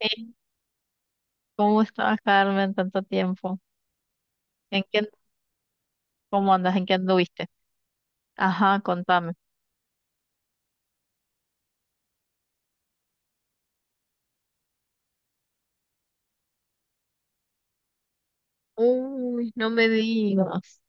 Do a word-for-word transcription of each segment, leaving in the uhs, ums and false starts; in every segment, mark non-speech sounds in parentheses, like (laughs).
Sí, ¿cómo estás, Carmen, tanto tiempo? ¿En qué, cómo andas? ¿En qué anduviste? Ajá, contame. Uy, no me digas.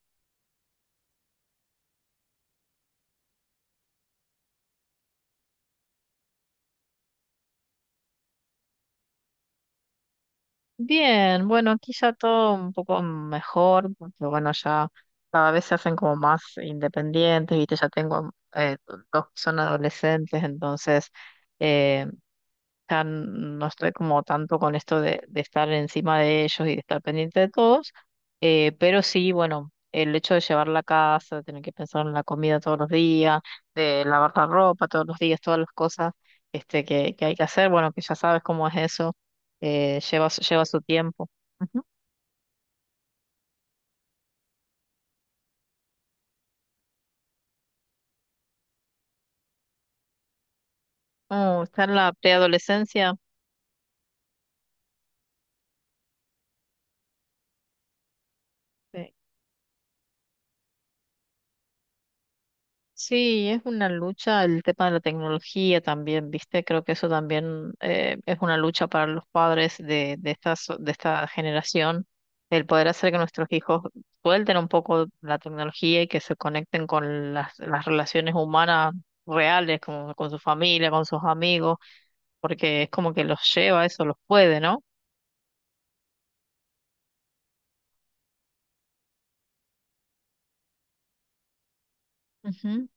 Bien, bueno, aquí ya todo un poco mejor, porque bueno, ya cada vez se hacen como más independientes, ¿viste? Ya tengo eh, dos que son adolescentes, entonces eh, sea, n- no estoy como tanto con esto de, de estar encima de ellos y de estar pendiente de todos, eh, pero sí, bueno, el hecho de llevar la casa, de tener que pensar en la comida todos los días, de lavar la ropa todos los días, todas las cosas este, que, que hay que hacer, bueno, que ya sabes cómo es eso, eh, lleva, su- lleva su tiempo. Ujú. Oh, está en la preadolescencia. Sí, es una lucha el tema de la tecnología también, ¿viste? Creo que eso también eh, es una lucha para los padres de, de esta, so- de esta generación, el poder hacer que nuestros hijos suelten un poco la tecnología y que se conecten con las, las relaciones humanas reales, con, con su familia, con sus amigos, porque es como que los lleva, eso los puede, ¿no? Ujú.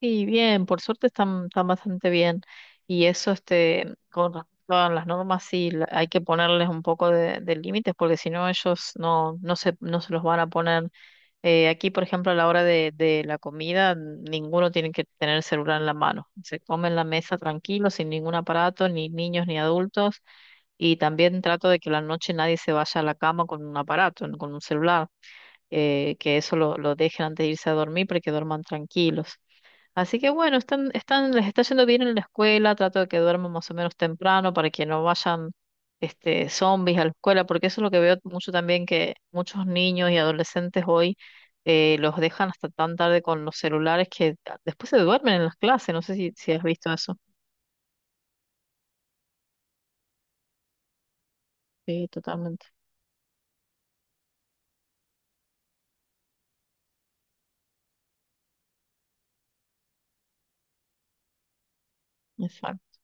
Sí, bien, por suerte están, están bastante bien. Y eso, este, con respecto a las normas, sí, la- hay que ponerles un poco de, de límites, porque si no, ellos no, no se, no se los van a poner. Eh, aquí, por ejemplo, a la hora de, de la comida, ninguno tiene que tener celular en la mano. Se come en la mesa tranquilo, sin ningún aparato, ni niños ni adultos. Y también trato de que la noche nadie se vaya a la cama con un aparato, con un celular. Eh, que eso lo, lo dejen antes de irse a dormir para que duerman tranquilos. Así que bueno, están, están, les está yendo bien en la escuela, trato de que duerman más o menos temprano para que no vayan este, zombies a la escuela, porque eso es lo que veo mucho también, que muchos niños y adolescentes hoy eh, los dejan hasta tan tarde con los celulares que después se duermen en las clases, no sé si, si has visto eso. Sí, totalmente. Exacto.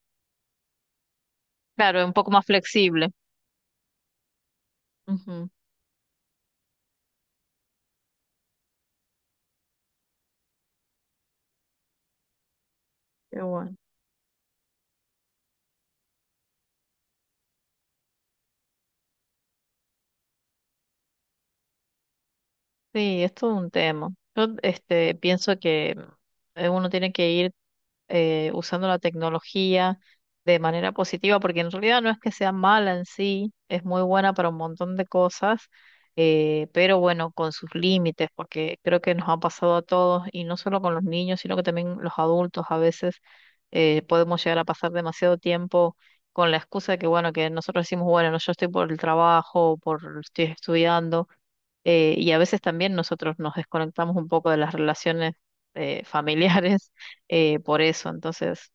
Claro, es un poco más flexible. Ujú. Qué bueno. Sí, es todo un tema. Yo este, pienso que eh, uno tiene que ir eh, usando la tecnología de manera positiva, porque en realidad no es que sea mala en sí, es muy buena para un montón de cosas, eh, pero bueno, con sus límites, porque creo que nos ha pasado a todos, y no solo con los niños, sino que también los adultos a veces eh, podemos llegar a pasar demasiado tiempo con la excusa de que, bueno, que nosotros decimos, bueno, no, yo estoy por el trabajo, por estoy estudiando eh, y a veces también nosotros nos desconectamos un poco de las relaciones eh, familiares (laughs) eh, por eso. Entonces,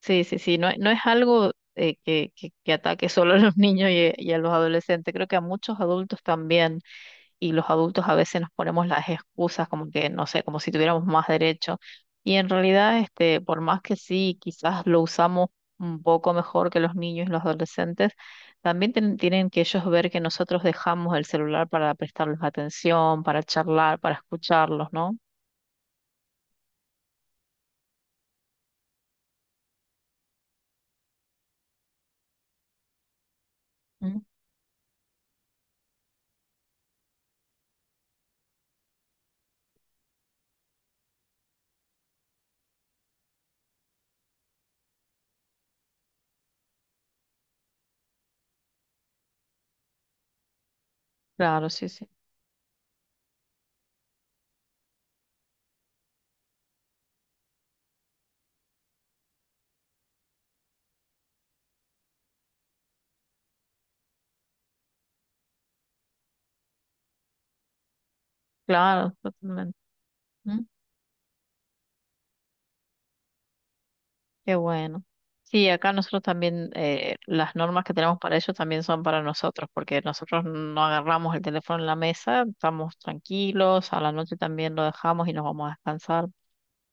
sí, sí, sí, no, no es algo eh, que, que- que ataque solo a los (laughs) niños y, y a los adolescentes, creo que a muchos adultos también y los adultos a veces nos ponemos las excusas como que, no sé, como si tuviéramos más derecho. Y en realidad, este, por más que sí, quizás lo usamos un poco mejor que los niños y los adolescentes, también ten- tienen que ellos ver que nosotros dejamos el celular para prestarles atención, para charlar, para escucharlos, ¿no? Mm. Claro, sí, sí. Claro, totalmente. Qué bueno. Sí, acá nosotros también, eh, las normas que tenemos para ellos también son para nosotros, porque nosotros no agarramos el teléfono en la mesa, estamos tranquilos, a la noche también lo dejamos y nos vamos a descansar.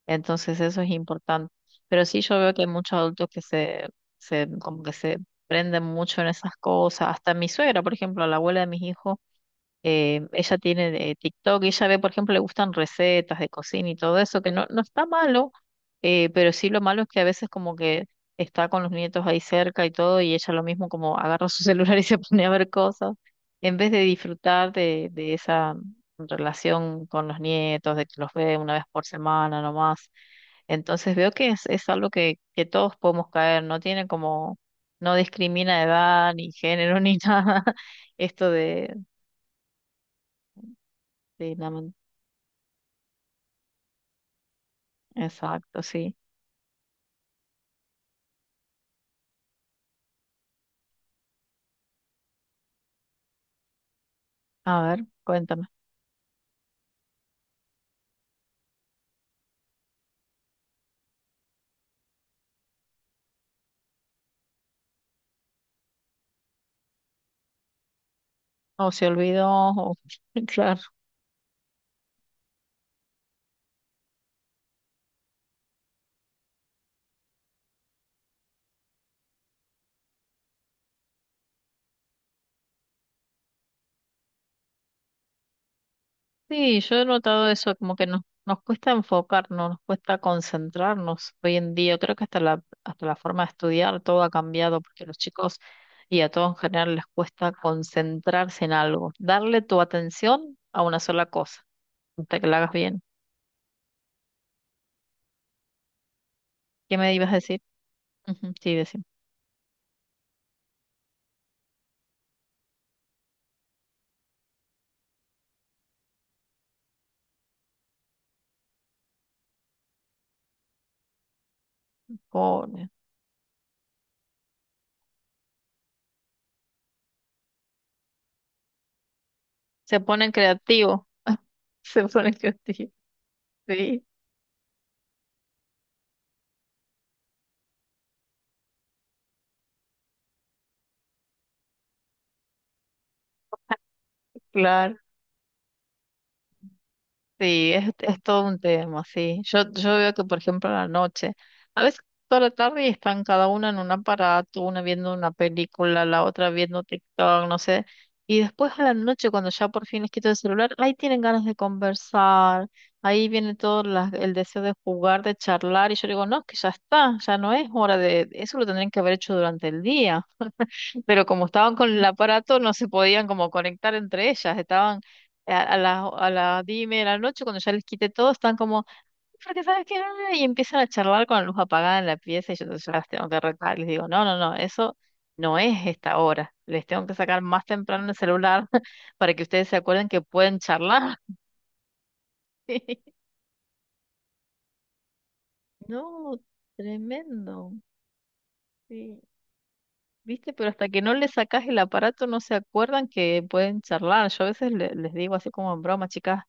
Entonces eso es importante. Pero sí yo veo que hay muchos adultos que se, se como que se prenden mucho en esas cosas. Hasta mi suegra, por ejemplo, la abuela de mis hijos eh, ella tiene eh, TikTok y ella ve, por ejemplo, le gustan recetas de cocina y todo eso, que no, no está malo, eh, pero sí lo malo es que a veces como que está con los nietos ahí cerca y todo, y ella lo mismo como agarra (laughs) su celular y se pone a ver cosas, en vez de disfrutar de, de esa relación con los nietos, de que los ve una vez por semana nomás. Entonces veo que es, es algo que, que todos podemos caer, no tiene como, no discrimina edad, ni género, (laughs) ni nada, esto de, de la. Exacto, sí. A ver, cuéntame. O se olvidó, o... (laughs) Claro. Sí, yo he notado eso, como que nos, nos cuesta enfocarnos, nos cuesta concentrarnos hoy en día. Creo que hasta la, hasta la forma de estudiar todo ha cambiado, porque los chicos y a todos en general les cuesta concentrarse en algo, darle tu atención a una sola cosa, hasta que la hagas bien. ¿Qué me ibas a decir? Ujú, sí, decimos. Se ponen creativos, (laughs) se ponen creativos. Sí, claro. Sí, es, es todo un tema, sí. Yo, yo veo que, por ejemplo, a la noche, a veces toda la tarde y están cada una en un aparato, una viendo una película, la otra viendo TikTok, no sé. Y después a la noche, cuando ya por fin les quito el celular, ahí tienen ganas de conversar, ahí viene todo la- el deseo de jugar, de charlar, y yo digo, no, que ya está, ya no es hora de, eso lo tendrían que haber hecho durante el día, pero como estaban con el aparato, no se podían como conectar entre ellas. Estaban a, a las a las diez y media de la noche, cuando ya les quité todo, están como, porque sabes qué, no, ¿no?", y empiezan a charlar con la luz apagada en la pieza y yo entonces las tengo que retar. Les digo, no, no, no, eso no es esta hora. Les tengo que sacar más temprano el celular (laughs) para que ustedes se acuerden que pueden charlar. (laughs) No, tremendo. Sí. ¿Viste? Pero hasta que no le sacas el aparato no se acuerdan que pueden charlar. Yo a veces le- les digo así como en broma, chicas,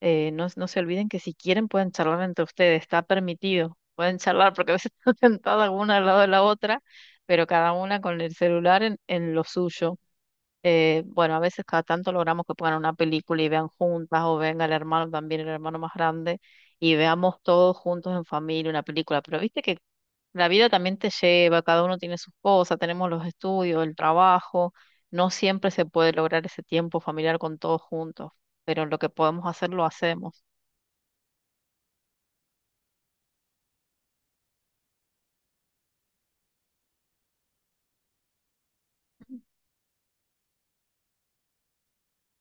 eh, no, no se olviden que si quieren pueden charlar entre ustedes, está permitido. Pueden charlar porque a veces (laughs) están sentadas una al lado de la otra, pero cada una con el celular en, en lo suyo. Eh, bueno, a veces cada tanto logramos que pongan una película y vean juntas o venga el hermano también, el hermano más grande, y veamos todos juntos en familia una película. Pero viste que la vida también te lleva, cada uno tiene sus cosas, tenemos los estudios, el trabajo, no siempre se puede lograr ese tiempo familiar con todos juntos, pero lo que podemos hacer lo hacemos.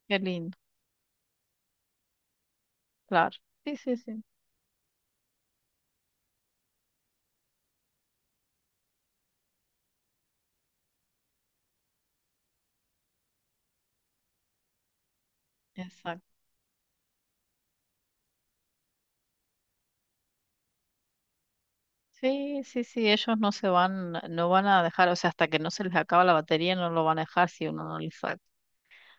Qué lindo, claro. Sí, sí, sí. Exacto. Sí, sí, sí, ellos no se van, no van a dejar, o sea, hasta que no se les acaba la batería no lo van a dejar si uno no les.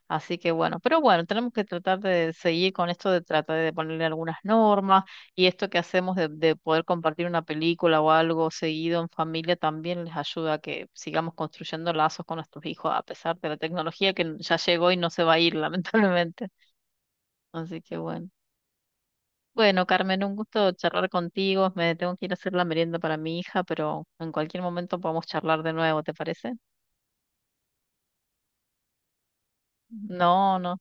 Así que bueno, pero bueno, tenemos que tratar de seguir con esto de tratar de ponerle algunas normas y esto que hacemos de, de poder compartir una película o algo seguido en familia también les ayuda a que sigamos construyendo lazos con nuestros hijos a pesar de la tecnología que ya llegó y no se va a ir (laughs) lamentablemente. Así que bueno. Bueno, Carmen, un gusto charlar contigo. Me tengo que ir a hacer la merienda para mi hija, pero en cualquier momento podemos charlar de nuevo, ¿te parece? No, no.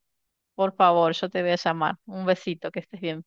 Por favor, yo te voy a llamar. Un besito, que estés bien.